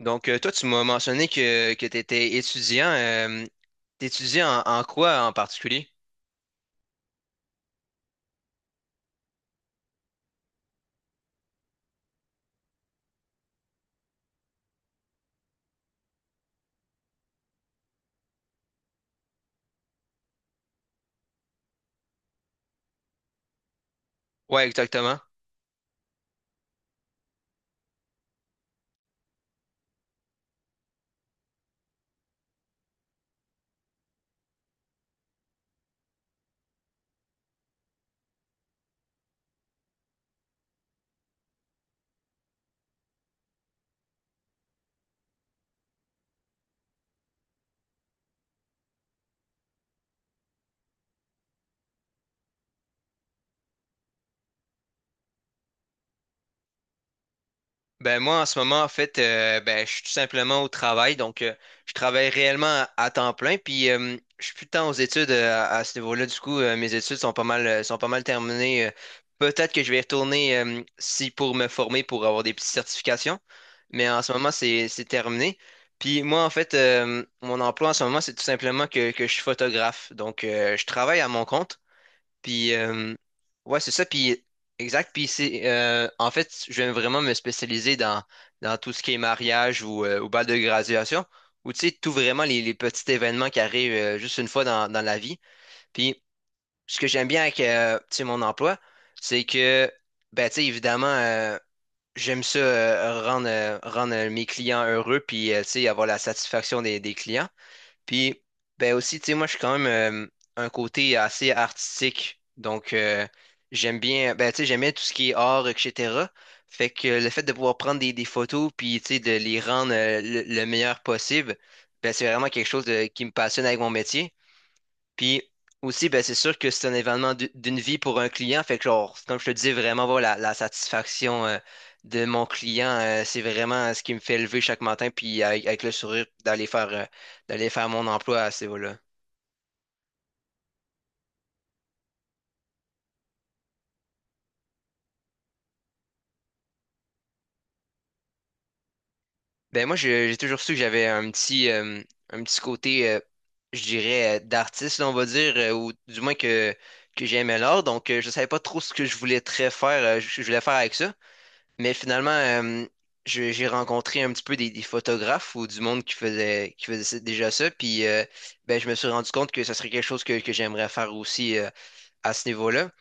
Donc, toi, tu m'as mentionné que tu étais étudiant. T'étudiais en quoi en particulier? Ouais, exactement. Ben moi en ce moment en fait ben je suis tout simplement au travail donc je travaille réellement à temps plein puis je suis plus tant aux études à ce niveau-là du coup mes études sont pas mal terminées peut-être que je vais y retourner si pour me former pour avoir des petites certifications mais en ce moment c'est terminé. Puis moi en fait mon emploi en ce moment c'est tout simplement que je suis photographe donc je travaille à mon compte. Puis, ouais, c'est ça. Puis, exact. Puis, c'est, en fait, je vais vraiment me spécialiser dans, dans tout ce qui est mariage ou bal de graduation, ou tu sais, tout vraiment les petits événements qui arrivent juste une fois dans, dans la vie. Puis, ce que j'aime bien avec, tu sais, mon emploi, c'est que, ben, tu sais, évidemment, j'aime ça, rendre mes clients heureux, puis, tu sais, avoir la satisfaction des clients. Puis, ben aussi, tu sais, moi, je suis quand même un côté assez artistique. Donc, j'aime bien, ben, tu sais, j'aime bien tout ce qui est art, etc. Fait que le fait de pouvoir prendre des photos, puis, tu sais, de les rendre le meilleur possible, ben, c'est vraiment quelque chose qui me passionne avec mon métier. Puis aussi, ben, c'est sûr que c'est un événement d'une vie pour un client. Fait que, genre, comme je te dis, vraiment, voilà, la satisfaction de mon client, c'est vraiment ce qui me fait lever chaque matin, puis avec le sourire, d'aller faire mon emploi à ce niveau-là. Ben, moi, j'ai toujours su que j'avais un petit côté, je dirais, d'artiste, là, on va dire, ou du moins que j'aimais l'art. Donc, je savais pas trop ce que je voulais très faire, je voulais faire avec ça. Mais finalement, j'ai rencontré un petit peu des photographes ou du monde qui faisait déjà ça. Puis ben, je me suis rendu compte que ça serait quelque chose que j'aimerais faire aussi à ce niveau-là.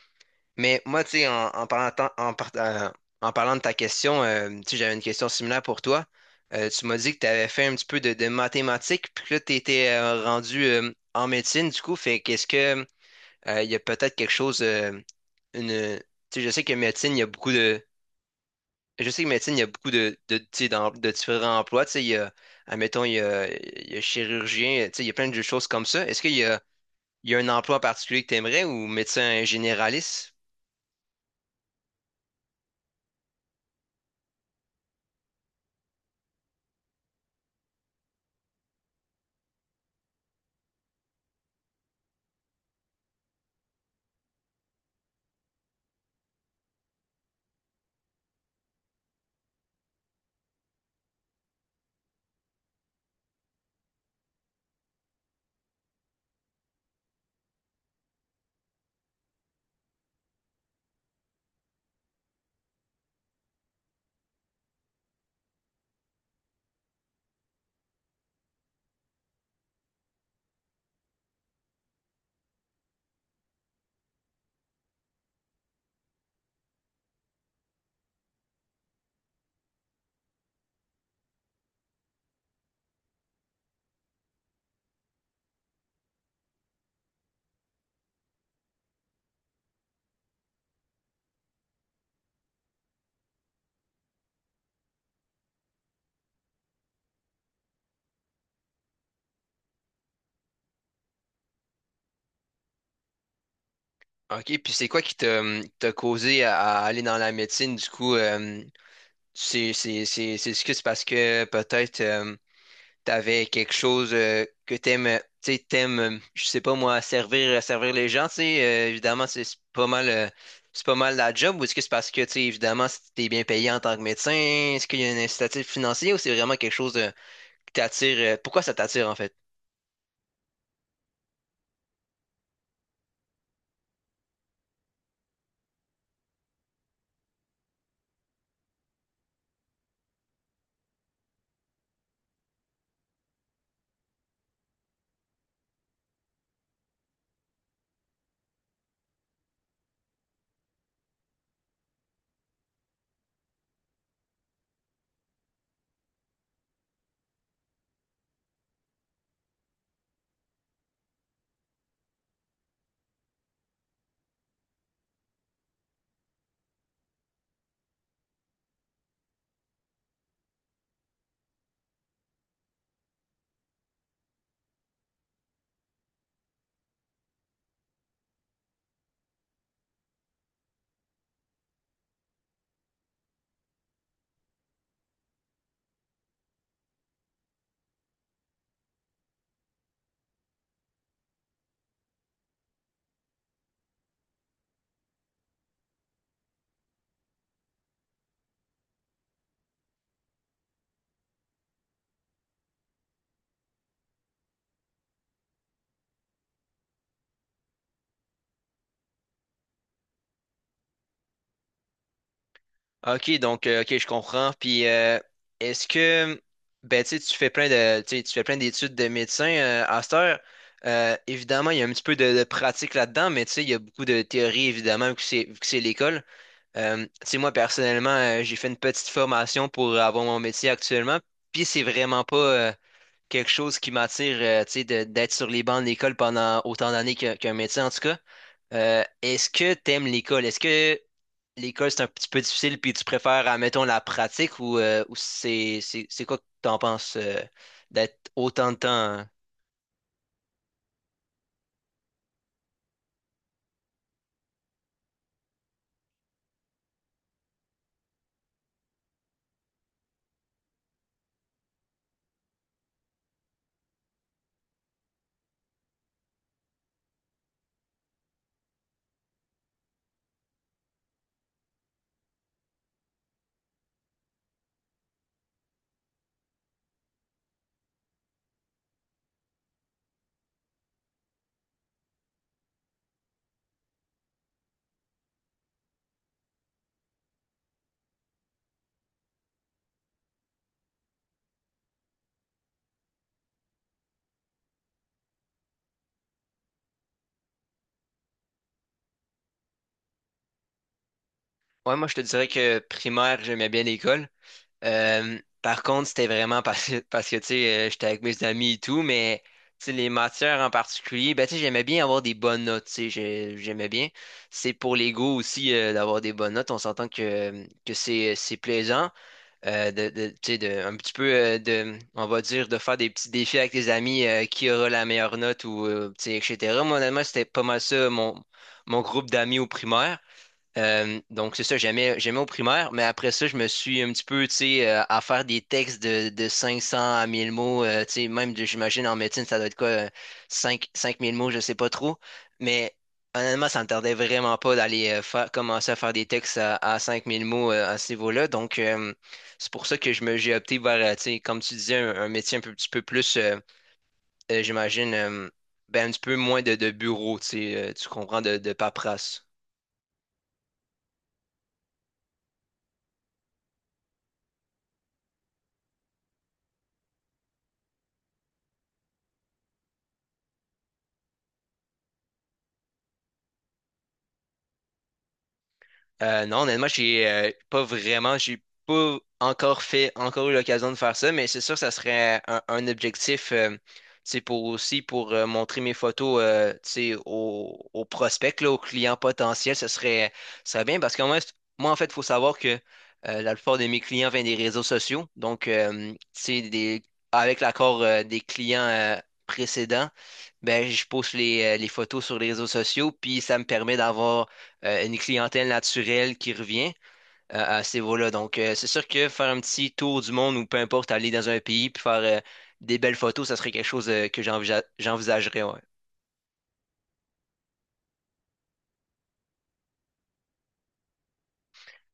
Mais moi, tu sais, en, en parlant, tant- en, par- en parlant de ta question, tu sais, j'avais une question similaire pour toi. Tu m'as dit que tu avais fait un petit peu de mathématiques, puis que là, tu étais rendu en médecine, du coup. Fait qu'est-ce que, il y a peut-être quelque chose, une, tu sais, je sais que médecine, il y a beaucoup de je sais que médecine, il y a beaucoup tu sais, de différents emplois. Tu sais, admettons, il y a chirurgien, tu sais, il y a plein de choses comme ça. Est-ce qu'il y a, il y a un emploi en particulier que tu aimerais ou médecin généraliste? OK, puis c'est quoi qui t'a t'a causé à aller dans la médecine? Du coup, est-ce que c'est parce que peut-être t'avais quelque chose que t'aimes, tu sais, je sais pas moi, servir les gens, tu sais, évidemment, c'est pas mal, c'est pas mal la job, ou est-ce que c'est parce que, tu sais, évidemment, si t'es bien payé en tant que médecin, est-ce qu'il y a un incitatif financier ou c'est vraiment quelque chose qui t'attire, pourquoi ça t'attire en fait? Ok, donc, ok, je comprends, puis est-ce que, ben, tu sais, tu sais, tu fais plein d'études de médecin à cette heure, évidemment, il y a un petit peu de pratique là-dedans, mais tu sais, il y a beaucoup de théorie, évidemment, vu que c'est l'école. Tu sais, moi, personnellement, j'ai fait une petite formation pour avoir mon métier actuellement, puis c'est vraiment pas quelque chose qui m'attire, tu sais, d'être sur les bancs de l'école pendant autant d'années qu'un métier, en tout cas. Est-ce que t'aimes l'école? Est-ce que l'école, c'est un petit peu difficile, puis tu préfères, admettons, la pratique ou c'est quoi que t'en penses d'être autant de temps, hein? Ouais, moi, je te dirais que primaire, j'aimais bien l'école. Par contre, c'était vraiment parce que tu sais, j'étais avec mes amis et tout, mais tu sais, les matières en particulier, ben, tu sais, j'aimais bien avoir des bonnes notes, tu sais, j'aimais bien. C'est pour l'ego aussi d'avoir des bonnes notes. On s'entend que c'est plaisant, tu sais, de, un petit peu de, on va dire, de faire des petits défis avec tes amis, qui aura la meilleure note ou, tu sais, etc. Moi, honnêtement, c'était pas mal ça, mon groupe d'amis au primaire. Donc, c'est ça, j'aimais au primaire, mais après ça, je me suis un petit peu, tu sais, à faire des textes de 500 à 1 000 mots, tu sais, même, j'imagine, en médecine, ça doit être quoi, cinq mille mots, je sais pas trop, mais honnêtement, ça me tardait vraiment pas d'aller faire, commencer à faire des textes à 5 000 mots à ce niveau-là, donc c'est pour ça j'ai opté vers, tu sais, comme tu disais, un métier petit peu plus, j'imagine, ben, un petit peu moins de bureau, tu sais, tu comprends, de paperasse. Non, honnêtement, j'ai pas vraiment, j'ai pas encore fait, encore eu l'occasion de faire ça, mais c'est sûr que ça serait un objectif, c'est pour aussi pour montrer mes photos, tu sais, aux prospects, là, aux clients potentiels, ça serait bien parce que moi, moi, en fait, il faut savoir que la plupart de mes clients viennent des réseaux sociaux, donc, tu sais, des, avec l'accord des clients précédents, ben, je poste les photos sur les réseaux sociaux, puis ça me permet d'avoir une clientèle naturelle qui revient à ces vols-là. Donc, c'est sûr que faire un petit tour du monde ou peu importe, aller dans un pays puis faire des belles photos, ça serait quelque chose que j'envisagerais. Ouais.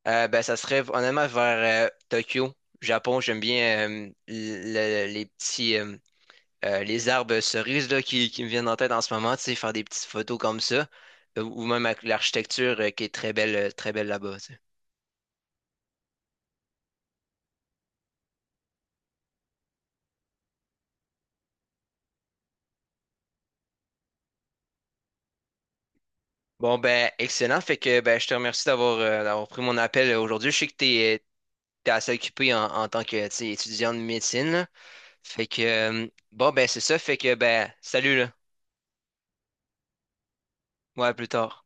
Ben, ça serait honnêtement vers Tokyo, Japon. J'aime bien les petits les arbres cerises là, qui me viennent en tête en ce moment, tu sais, faire des petites photos comme ça, ou même avec l'architecture qui est très belle là-bas, tu sais. Bon, ben, excellent. Fait que ben, je te remercie d'avoir pris mon appel aujourd'hui. Je sais que t'es assez occupé en tant que tu sais, étudiant de médecine, là. Fait que bon, ben, c'est ça. Fait que ben, salut là. Ouais, à plus tard.